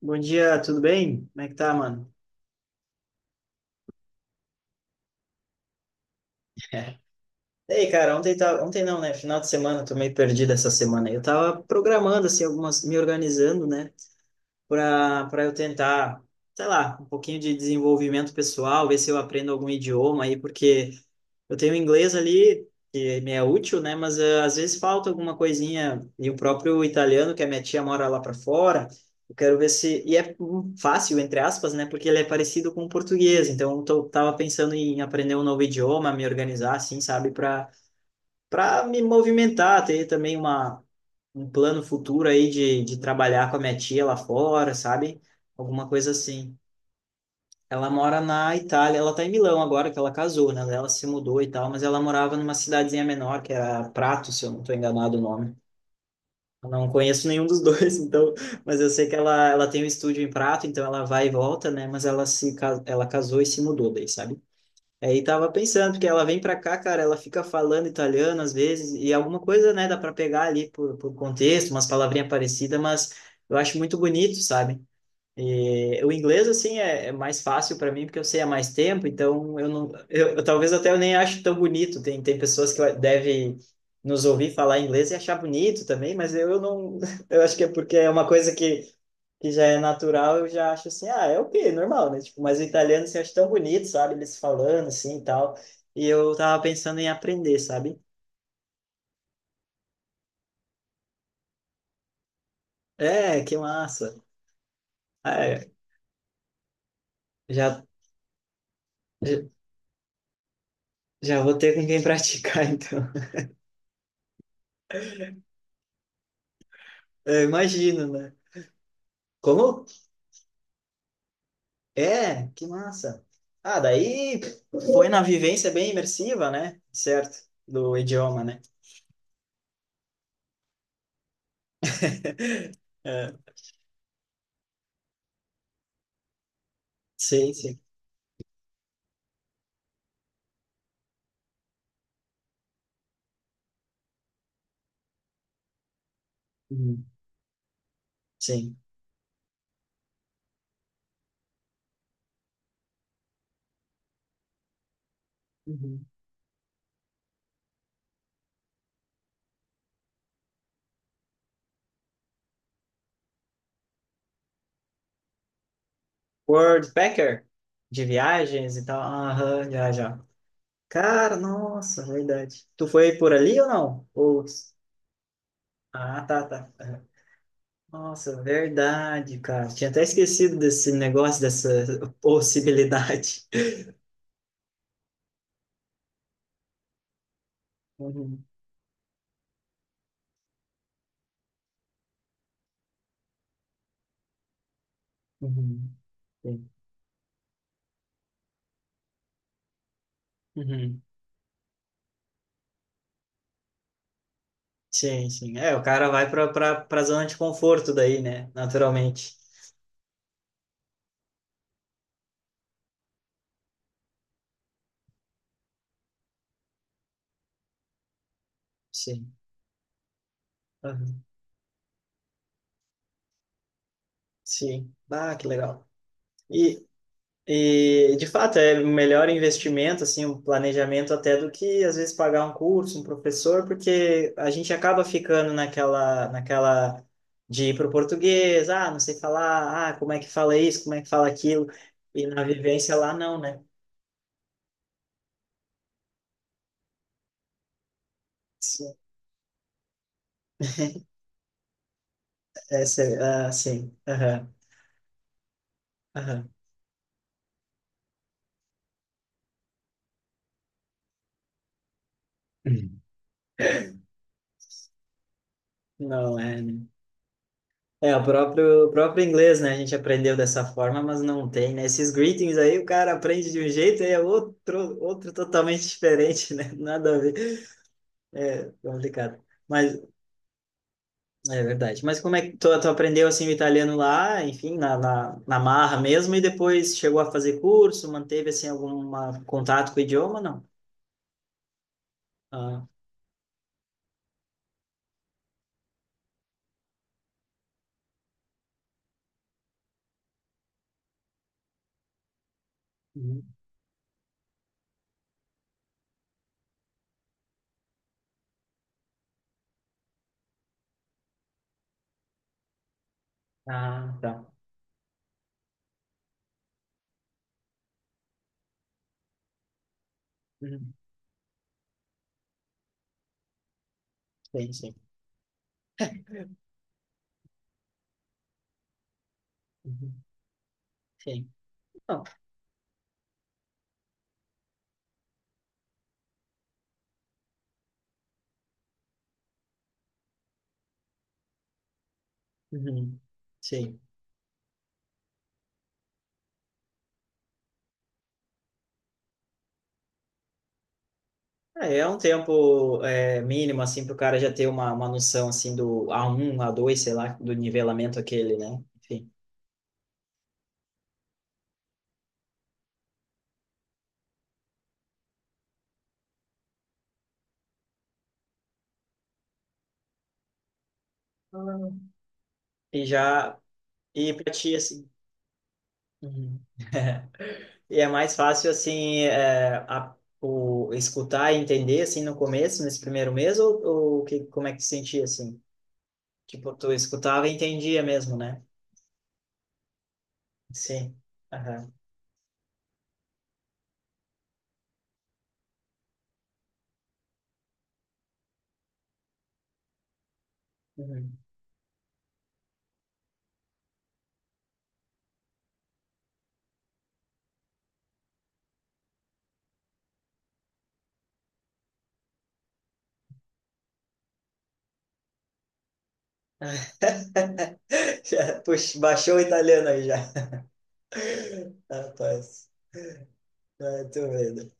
Bom dia, tudo bem? Como é que tá, mano? Ei, cara, ontem não, né? Final de semana, eu tô meio perdido essa semana. Eu tava programando assim me organizando, né? para eu tentar, sei lá, um pouquinho de desenvolvimento pessoal, ver se eu aprendo algum idioma aí, porque eu tenho inglês ali, que me é útil, né? Mas às vezes falta alguma coisinha. E o próprio italiano, que a minha tia mora lá para fora, eu quero ver se. E é fácil, entre aspas, né? Porque ele é parecido com o português. Então, eu tava pensando em aprender um novo idioma, me organizar, assim, sabe? Para me movimentar, ter também uma um plano futuro aí de trabalhar com a minha tia lá fora, sabe? Alguma coisa assim. Ela mora na Itália, ela tá em Milão agora que ela casou, né? Ela se mudou e tal, mas ela morava numa cidadezinha menor, que era Prato, se eu não tô enganado o nome. Eu não conheço nenhum dos dois, então, mas eu sei que ela tem um estúdio em Prato, então ela vai e volta, né? Mas ela casou e se mudou daí, sabe? Aí tava pensando, porque ela vem pra cá, cara, ela fica falando italiano às vezes, e alguma coisa, né, dá pra pegar ali por contexto, umas palavrinhas parecidas, mas eu acho muito bonito, sabe? E o inglês, assim, é mais fácil para mim, porque eu sei há mais tempo, então eu não. Eu talvez até eu nem ache tão bonito. Tem pessoas que devem nos ouvir falar inglês e achar bonito também, mas eu não. Eu acho que é porque é uma coisa que já é natural, eu já acho assim, ah, é o quê? Normal, né? Tipo, mas o italiano se acha tão bonito, sabe? Eles falando assim e tal. E eu tava pensando em aprender, sabe? É, que massa. Ah, é, já, já já vou ter com quem praticar, então. Eu imagino, né? Como, é, que massa. Ah, daí foi na vivência bem imersiva, né? Certo, do idioma, né? Sim, sim. Uhum. Sim. Uhum. World Packer, de viagens e tal. Aham, já, já. Cara, nossa, verdade. Tu foi por ali ou não? Ou... Ah, tá, tá. Aham. Nossa, verdade, cara. Tinha até esquecido desse negócio, dessa possibilidade. Uhum. Uhum. Sim. Uhum. Sim, sim. É, o cara vai para zona de conforto daí, né? Naturalmente. Sim. Aham. Sim. Ah, que legal. E, e de fato é um melhor investimento, assim, um planejamento até do que às vezes pagar um curso, um professor, porque a gente acaba ficando naquela de ir pro português, ah, não sei falar, ah, como é que fala isso, como é que fala aquilo, e na vivência lá não, né? Sim. Essa, é, ah, sim. Aham. Aham. Hum. Não é, né? É, o próprio inglês, né? A gente aprendeu dessa forma, mas não tem, né? Esses greetings aí, o cara aprende de um jeito, aí é outro, outro totalmente diferente, né? Nada a ver. Complicado. Mas é verdade. Mas como é que tu aprendeu assim o italiano lá, enfim, na marra mesmo, e depois chegou a fazer curso, manteve assim algum contato com o idioma, não? Ah, uhum. Ah, tá. Uhum. Sim, sim. Uhum. Sim. Não. Uhum. Sim. É um tempo mínimo, assim, para o cara já ter uma noção, assim, do a um a dois sei lá, do nivelamento aquele, né? Enfim. Ah, E já, e para ti, assim, uhum. e é mais fácil, assim, escutar e entender, assim, no começo, nesse primeiro mês, ou que, como é que tu sentia, assim? Tipo, tu escutava e entendia mesmo, né? Sim. Aham. Uhum. Já, puxa, baixou o italiano aí já. Rapaz, ah, tô vendo.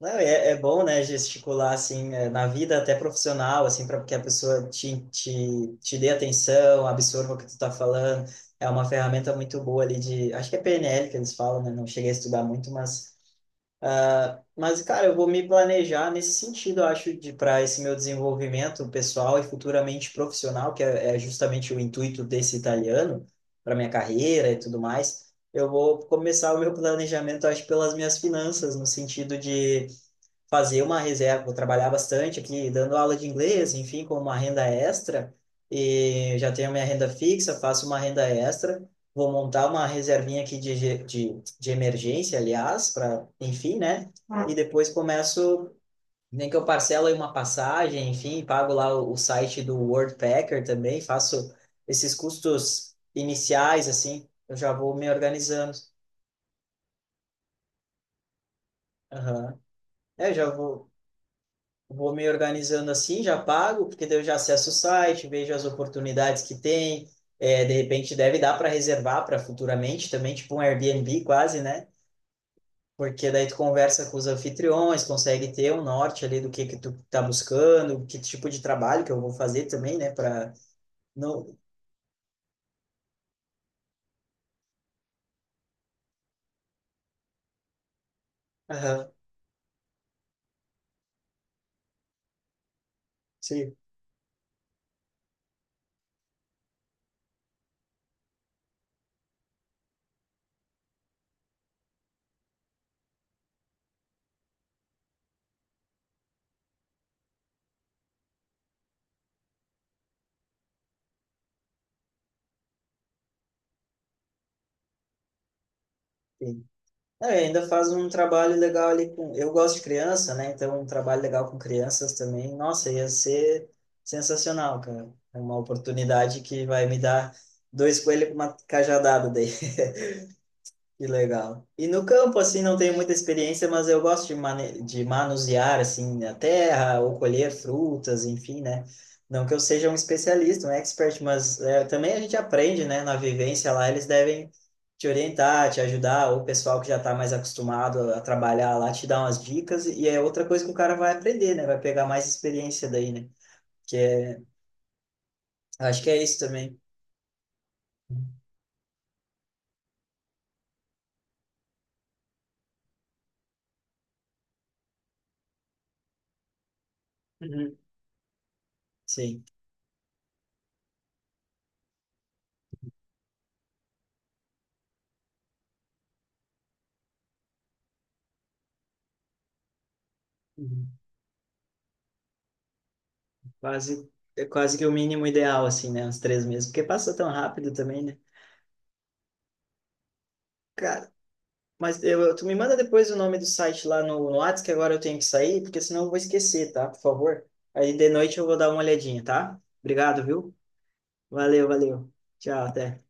Não, é, é bom, né, gesticular, assim, na vida até profissional, assim, para que a pessoa te dê atenção, absorva o que tu está falando. É uma ferramenta muito boa ali de... Acho que é PNL que eles falam, né? Não cheguei a estudar muito, mas... Mas, cara, eu vou me planejar nesse sentido, eu acho, de para esse meu desenvolvimento pessoal e futuramente profissional, que é justamente o intuito desse italiano, para minha carreira e tudo mais. Eu vou começar o meu planejamento, acho, pelas minhas finanças, no sentido de fazer uma reserva, vou trabalhar bastante aqui, dando aula de inglês, enfim, com uma renda extra, e já tenho minha renda fixa, faço uma renda extra, vou montar uma reservinha aqui de emergência, aliás, para, enfim, né? E depois começo, nem que eu parcelo aí uma passagem, enfim, pago lá o site do Worldpacker também, faço esses custos iniciais, assim, eu já vou me organizando. Aham. É, eu já vou me organizando assim, já pago, porque daí eu já acesso o site, vejo as oportunidades que tem. É, de repente deve dar para reservar para futuramente também, tipo um Airbnb quase, né? Porque daí tu conversa com os anfitriões, consegue ter um norte ali do que tu tá buscando, que tipo de trabalho que eu vou fazer também, né? Para não. Aham, sim. É, ainda faz um trabalho legal ali com. Eu gosto de criança, né? Então, um trabalho legal com crianças também. Nossa, ia ser sensacional, cara. É uma oportunidade que vai me dar dois coelhos com uma cajadada daí. Que legal. E no campo, assim, não tenho muita experiência, mas eu gosto de manusear, assim, a terra ou colher frutas, enfim, né? Não que eu seja um especialista, um expert, mas é, também a gente aprende, né? Na vivência lá, eles devem te orientar, te ajudar, ou o pessoal que já está mais acostumado a trabalhar lá te dá umas dicas, e é outra coisa que o cara vai aprender, né? Vai pegar mais experiência daí, né? Que é, acho que é isso também. Uhum. Sim. Quase, é quase que o mínimo ideal, assim, né? Uns 3 meses. Porque passa tão rápido também, né? Cara, mas tu me manda depois o nome do site lá no Whats, que agora eu tenho que sair, porque senão eu vou esquecer, tá? Por favor. Aí de noite eu vou dar uma olhadinha, tá? Obrigado, viu? Valeu, valeu. Tchau, até.